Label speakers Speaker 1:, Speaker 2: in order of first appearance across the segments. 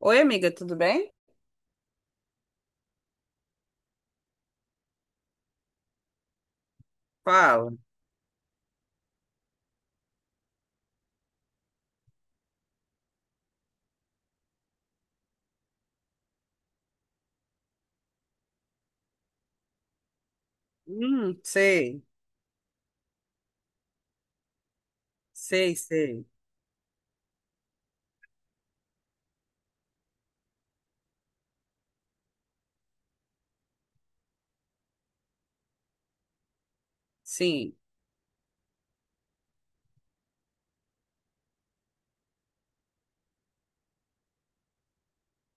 Speaker 1: Oi, amiga, tudo bem? Fala. Sei, sei, sei. Sim,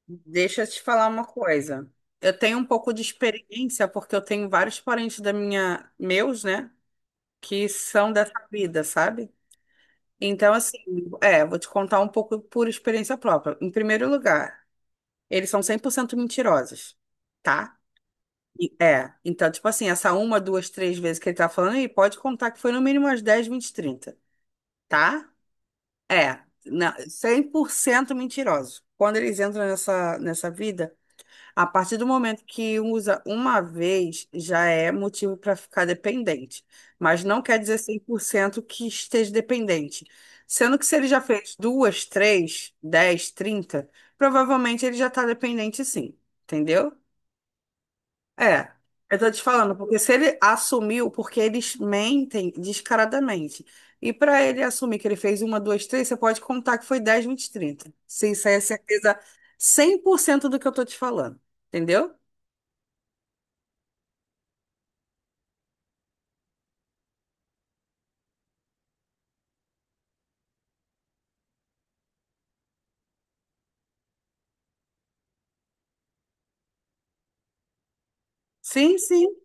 Speaker 1: deixa eu te falar uma coisa. Eu tenho um pouco de experiência porque eu tenho vários parentes meus, né, que são dessa vida, sabe? Então, assim, vou te contar um pouco por experiência própria. Em primeiro lugar, eles são 100% mentirosos, tá? Então, tipo assim, essa uma, duas, três vezes que ele tá falando, aí pode contar que foi no mínimo umas 10, 20, 30, tá? É, cem por cento mentiroso. Quando eles entram nessa vida, a partir do momento que usa uma vez, já é motivo para ficar dependente. Mas não quer dizer 100% que esteja dependente. Sendo que se ele já fez duas, três, 10, 30, provavelmente ele já está dependente sim. Entendeu? É, eu tô te falando, porque se ele assumiu, porque eles mentem descaradamente. E para ele assumir que ele fez uma, duas, três, você pode contar que foi 10, 20, 30. Sim, isso aí é certeza 100% do que eu tô te falando. Entendeu? Sim, sim.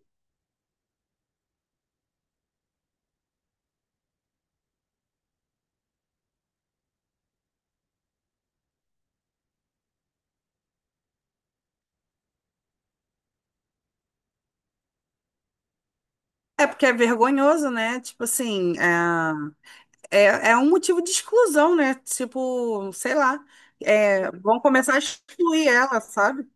Speaker 1: É porque é vergonhoso, né? Tipo assim, é um motivo de exclusão, né? Tipo, sei lá. É, vão começar a excluir ela, sabe?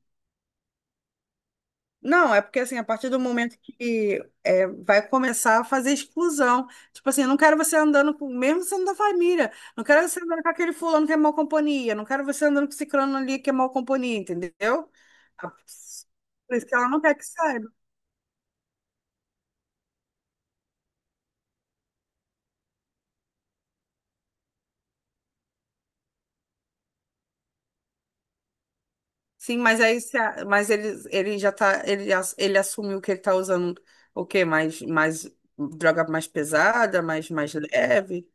Speaker 1: Não, é porque assim, a partir do momento vai começar a fazer exclusão. Tipo assim, eu não quero você andando com, mesmo sendo da família, não quero você andando com aquele fulano que é mau companhia, não quero você andando com esse crano ali que é mau companhia, entendeu? A- Por isso que ela não quer que saiba. Sim, mas aí se a- mas ele já tá, ele assumiu que ele tá usando o quê? Mais droga mais pesada, mais leve?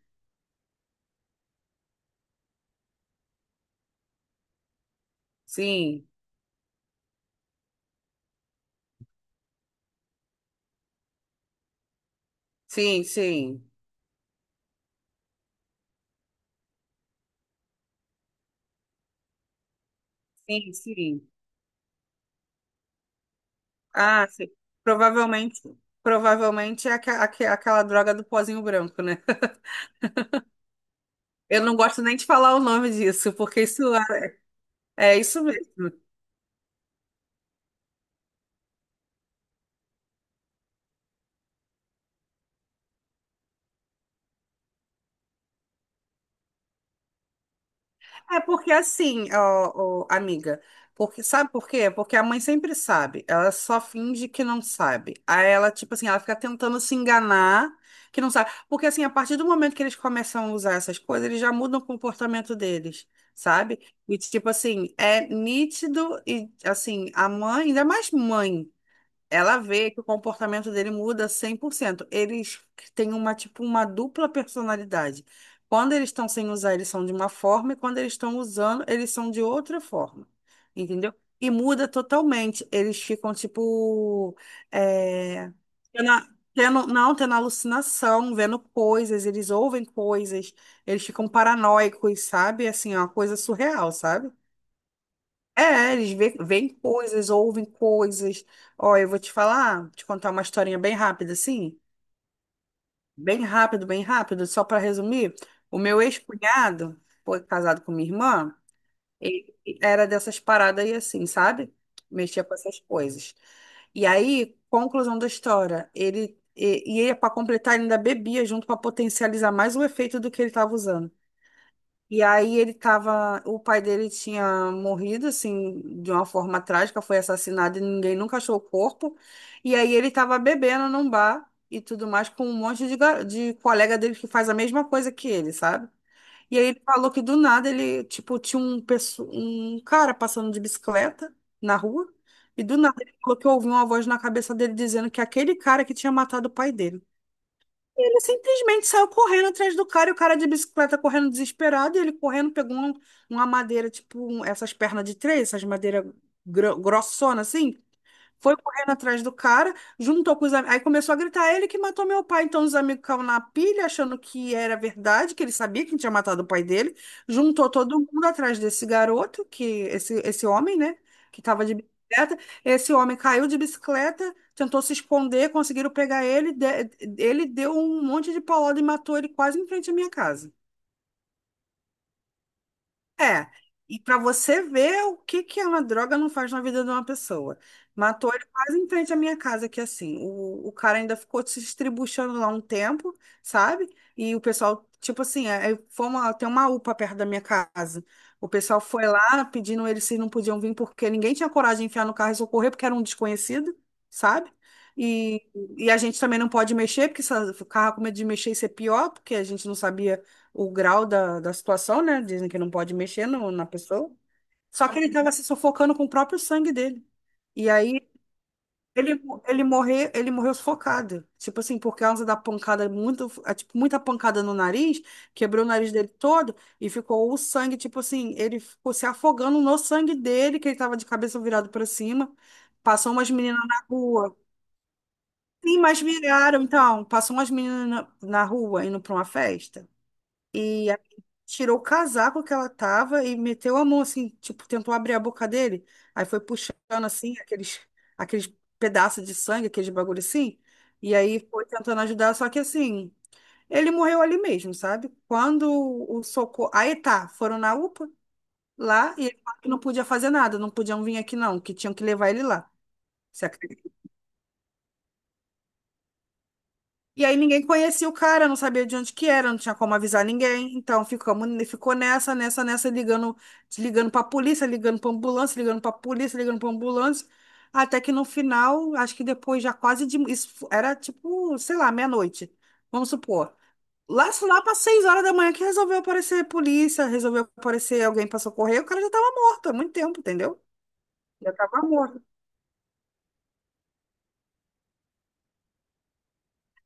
Speaker 1: Sim, sim, sim. Sim, sim. Ah, sim. Provavelmente, provavelmente é aquela droga do pozinho branco, né? Eu não gosto nem de falar o nome disso, porque isso é isso mesmo. É porque assim, ó, ó, amiga, porque sabe por quê? Porque a mãe sempre sabe, ela só finge que não sabe. Aí ela, tipo assim, ela fica tentando se enganar que não sabe. Porque assim, a partir do momento que eles começam a usar essas coisas, eles já mudam o comportamento deles, sabe? E tipo assim, é nítido e assim, a mãe, ainda mais mãe. Ela vê que o comportamento dele muda 100%. Eles têm uma, tipo, uma dupla personalidade. Quando eles estão sem usar, eles são de uma forma, e quando eles estão usando, eles são de outra forma. Entendeu? E muda totalmente. Eles ficam, tipo, é, tendo, não, tendo alucinação, vendo coisas, eles ouvem coisas, eles ficam paranoicos, sabe? Assim, é uma coisa surreal, sabe? É, eles veem coisas, ouvem coisas. Ó, eu vou te falar, te contar uma historinha bem rápida, assim, bem rápido, só para resumir. O meu ex-cunhado, foi casado com minha irmã, ele era dessas paradas aí assim, sabe? Mexia com essas coisas. E aí, conclusão da história, e ele para completar ele ainda bebia junto para potencializar mais o efeito do que ele estava usando. E aí o pai dele tinha morrido assim de uma forma trágica, foi assassinado e ninguém nunca achou o corpo. E aí ele tava bebendo num bar e tudo mais com um monte de colega dele que faz a mesma coisa que ele, sabe? E aí ele falou que do nada ele, tipo, tinha um cara passando de bicicleta na rua e do nada ele falou que ouviu uma voz na cabeça dele dizendo que aquele cara que tinha matado o pai dele. Ele simplesmente saiu correndo atrás do cara, e o cara de bicicleta correndo desesperado, e ele correndo, pegou uma madeira, tipo, essas pernas de três, essas madeiras grossona assim, foi correndo atrás do cara, juntou com os amigos. Aí começou a gritar, ele que matou meu pai. Então os amigos caíram na pilha, achando que era verdade, que ele sabia quem tinha matado o pai dele. Juntou todo mundo atrás desse garoto, que esse homem, né? Que estava de bicicleta. Esse homem caiu de bicicleta, tentou se esconder, conseguiram pegar ele. Ele deu um monte de paulada e matou ele quase em frente à minha casa. É, e para você ver o que que uma droga não faz na vida de uma pessoa. Matou ele quase em frente à minha casa, que assim, o cara ainda ficou se estribuchando lá um tempo, sabe? E o pessoal, tipo assim, tem uma UPA perto da minha casa. O pessoal foi lá pedindo eles se não podiam vir, porque ninguém tinha coragem de enfiar no carro e socorrer, porque era um desconhecido, sabe? E, e a gente também não pode mexer, porque se o carro com medo de mexer, isso é pior, porque a gente não sabia o grau da situação, né? Dizem que não pode mexer na pessoa. Só que ele estava se sufocando com o próprio sangue dele. E aí ele, ele morreu sufocado. Tipo assim, por causa da pancada, tipo, muita pancada no nariz, quebrou o nariz dele todo e ficou o sangue, tipo assim, ele ficou se afogando no sangue dele, que ele estava de cabeça virado para cima. Passou umas meninas na rua. Sim, mas viraram, então. Passou umas meninas na rua indo para uma festa. E aí tirou o casaco que ela tava e meteu a mão assim, tipo, tentou abrir a boca dele. Aí foi puxando assim aqueles pedaços de sangue, aqueles bagulho assim. E aí foi tentando ajudar, só que assim, ele morreu ali mesmo, sabe? Quando o socorro. Aí tá, foram na UPA lá e ele falou que não podia fazer nada, não podiam vir aqui não, que tinham que levar ele lá. Você acredita? E aí ninguém conhecia o cara, não sabia de onde que era, não tinha como avisar ninguém. Então ficou nessa, ligando pra polícia, ligando pra ambulância, ligando pra polícia, ligando pra ambulância. Até que no final, acho que depois já quase de. Isso era tipo, sei lá, meia-noite, vamos supor. Lá para 6 horas da manhã que resolveu aparecer polícia, resolveu aparecer alguém pra socorrer, o cara já tava morto há muito tempo, entendeu? Já tava morto.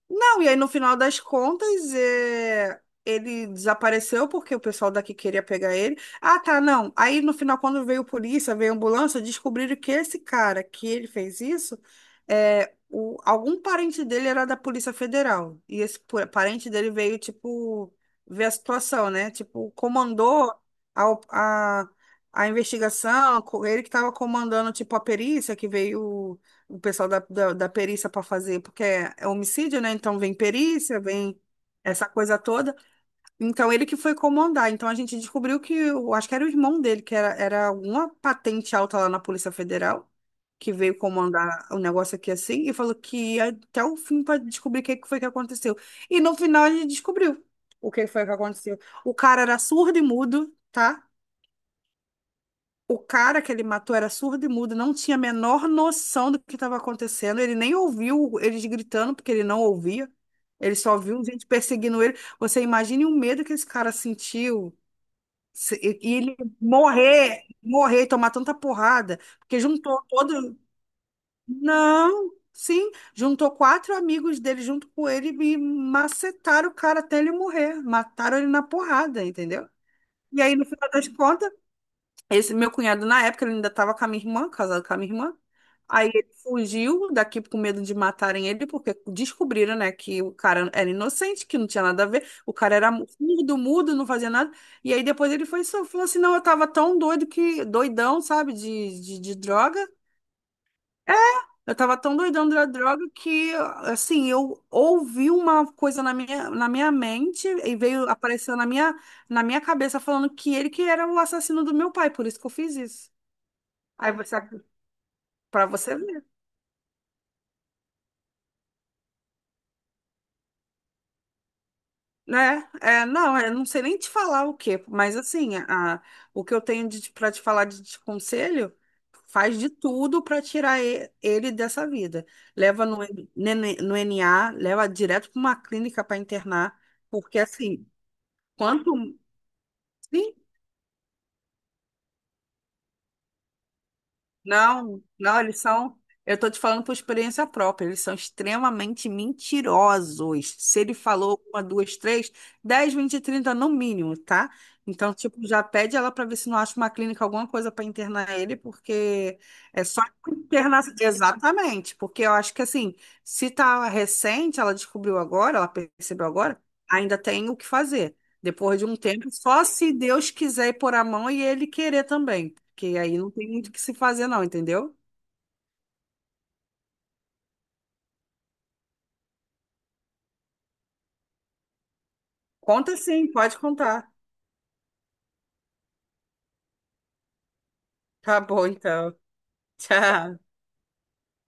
Speaker 1: Não, e aí no final das contas, ele desapareceu porque o pessoal daqui queria pegar ele. Ah, tá, não. Aí no final, quando veio polícia, veio ambulância, descobriram que esse cara que ele fez isso, algum parente dele era da Polícia Federal. E esse parente dele veio, tipo, ver a situação, né? Tipo, comandou a, op- a, a investigação, ele que estava comandando, tipo, a perícia que veio o pessoal da perícia para fazer, porque é homicídio, né? Então vem perícia, vem essa coisa toda. Então ele que foi comandar. Então a gente descobriu que, eu acho que era o irmão dele, que era alguma patente alta lá na Polícia Federal, que veio comandar o negócio aqui assim, e falou que ia até o fim para descobrir o que que foi que aconteceu. E no final a gente descobriu o que foi que aconteceu. O cara era surdo e mudo, tá? O cara que ele matou era surdo e mudo, não tinha a menor noção do que estava acontecendo. Ele nem ouviu eles gritando, porque ele não ouvia. Ele só viu gente perseguindo ele. Você imagine o medo que esse cara sentiu. E ele morrer, morrer, e tomar tanta porrada. Porque juntou todo. Não, sim. Juntou quatro amigos dele junto com ele e macetaram o cara até ele morrer. Mataram ele na porrada, entendeu? E aí, no final das contas. Esse meu cunhado, na época, ele ainda estava com a minha irmã, casado com a minha irmã. Aí ele fugiu daqui com medo de matarem ele, porque descobriram, né, que o cara era inocente, que não tinha nada a ver. O cara era mudo, mudo, não fazia nada. E aí depois ele foi só falou assim: não, eu tava tão doido que, doidão, sabe, de droga. É, eu tava tão doidão da droga que, assim, eu ouvi uma coisa na minha mente e veio, apareceu na minha cabeça falando que ele que era o assassino do meu pai, por isso que eu fiz isso. Aí você, para você ver, né? Não, eu não sei nem te falar o quê, mas assim, o que eu tenho para te falar de conselho, faz de tudo para tirar ele dessa vida. Leva no NA, leva direto para uma clínica para internar, porque assim, quanto, sim, não, não, eles são. Eu tô te falando por experiência própria, eles são extremamente mentirosos. Se ele falou uma, duas, três, 10, 20, 30 no mínimo, tá? Então, tipo, já pede ela pra ver se não acha uma clínica, alguma coisa pra internar ele, porque é só internar. Exatamente, porque eu acho que assim, se tá recente, ela descobriu agora, ela percebeu agora, ainda tem o que fazer. Depois de um tempo, só se Deus quiser ir pôr a mão e ele querer também. Que aí não tem muito o que se fazer, não, entendeu? Conta sim, pode contar. Tá bom, então. Tchau.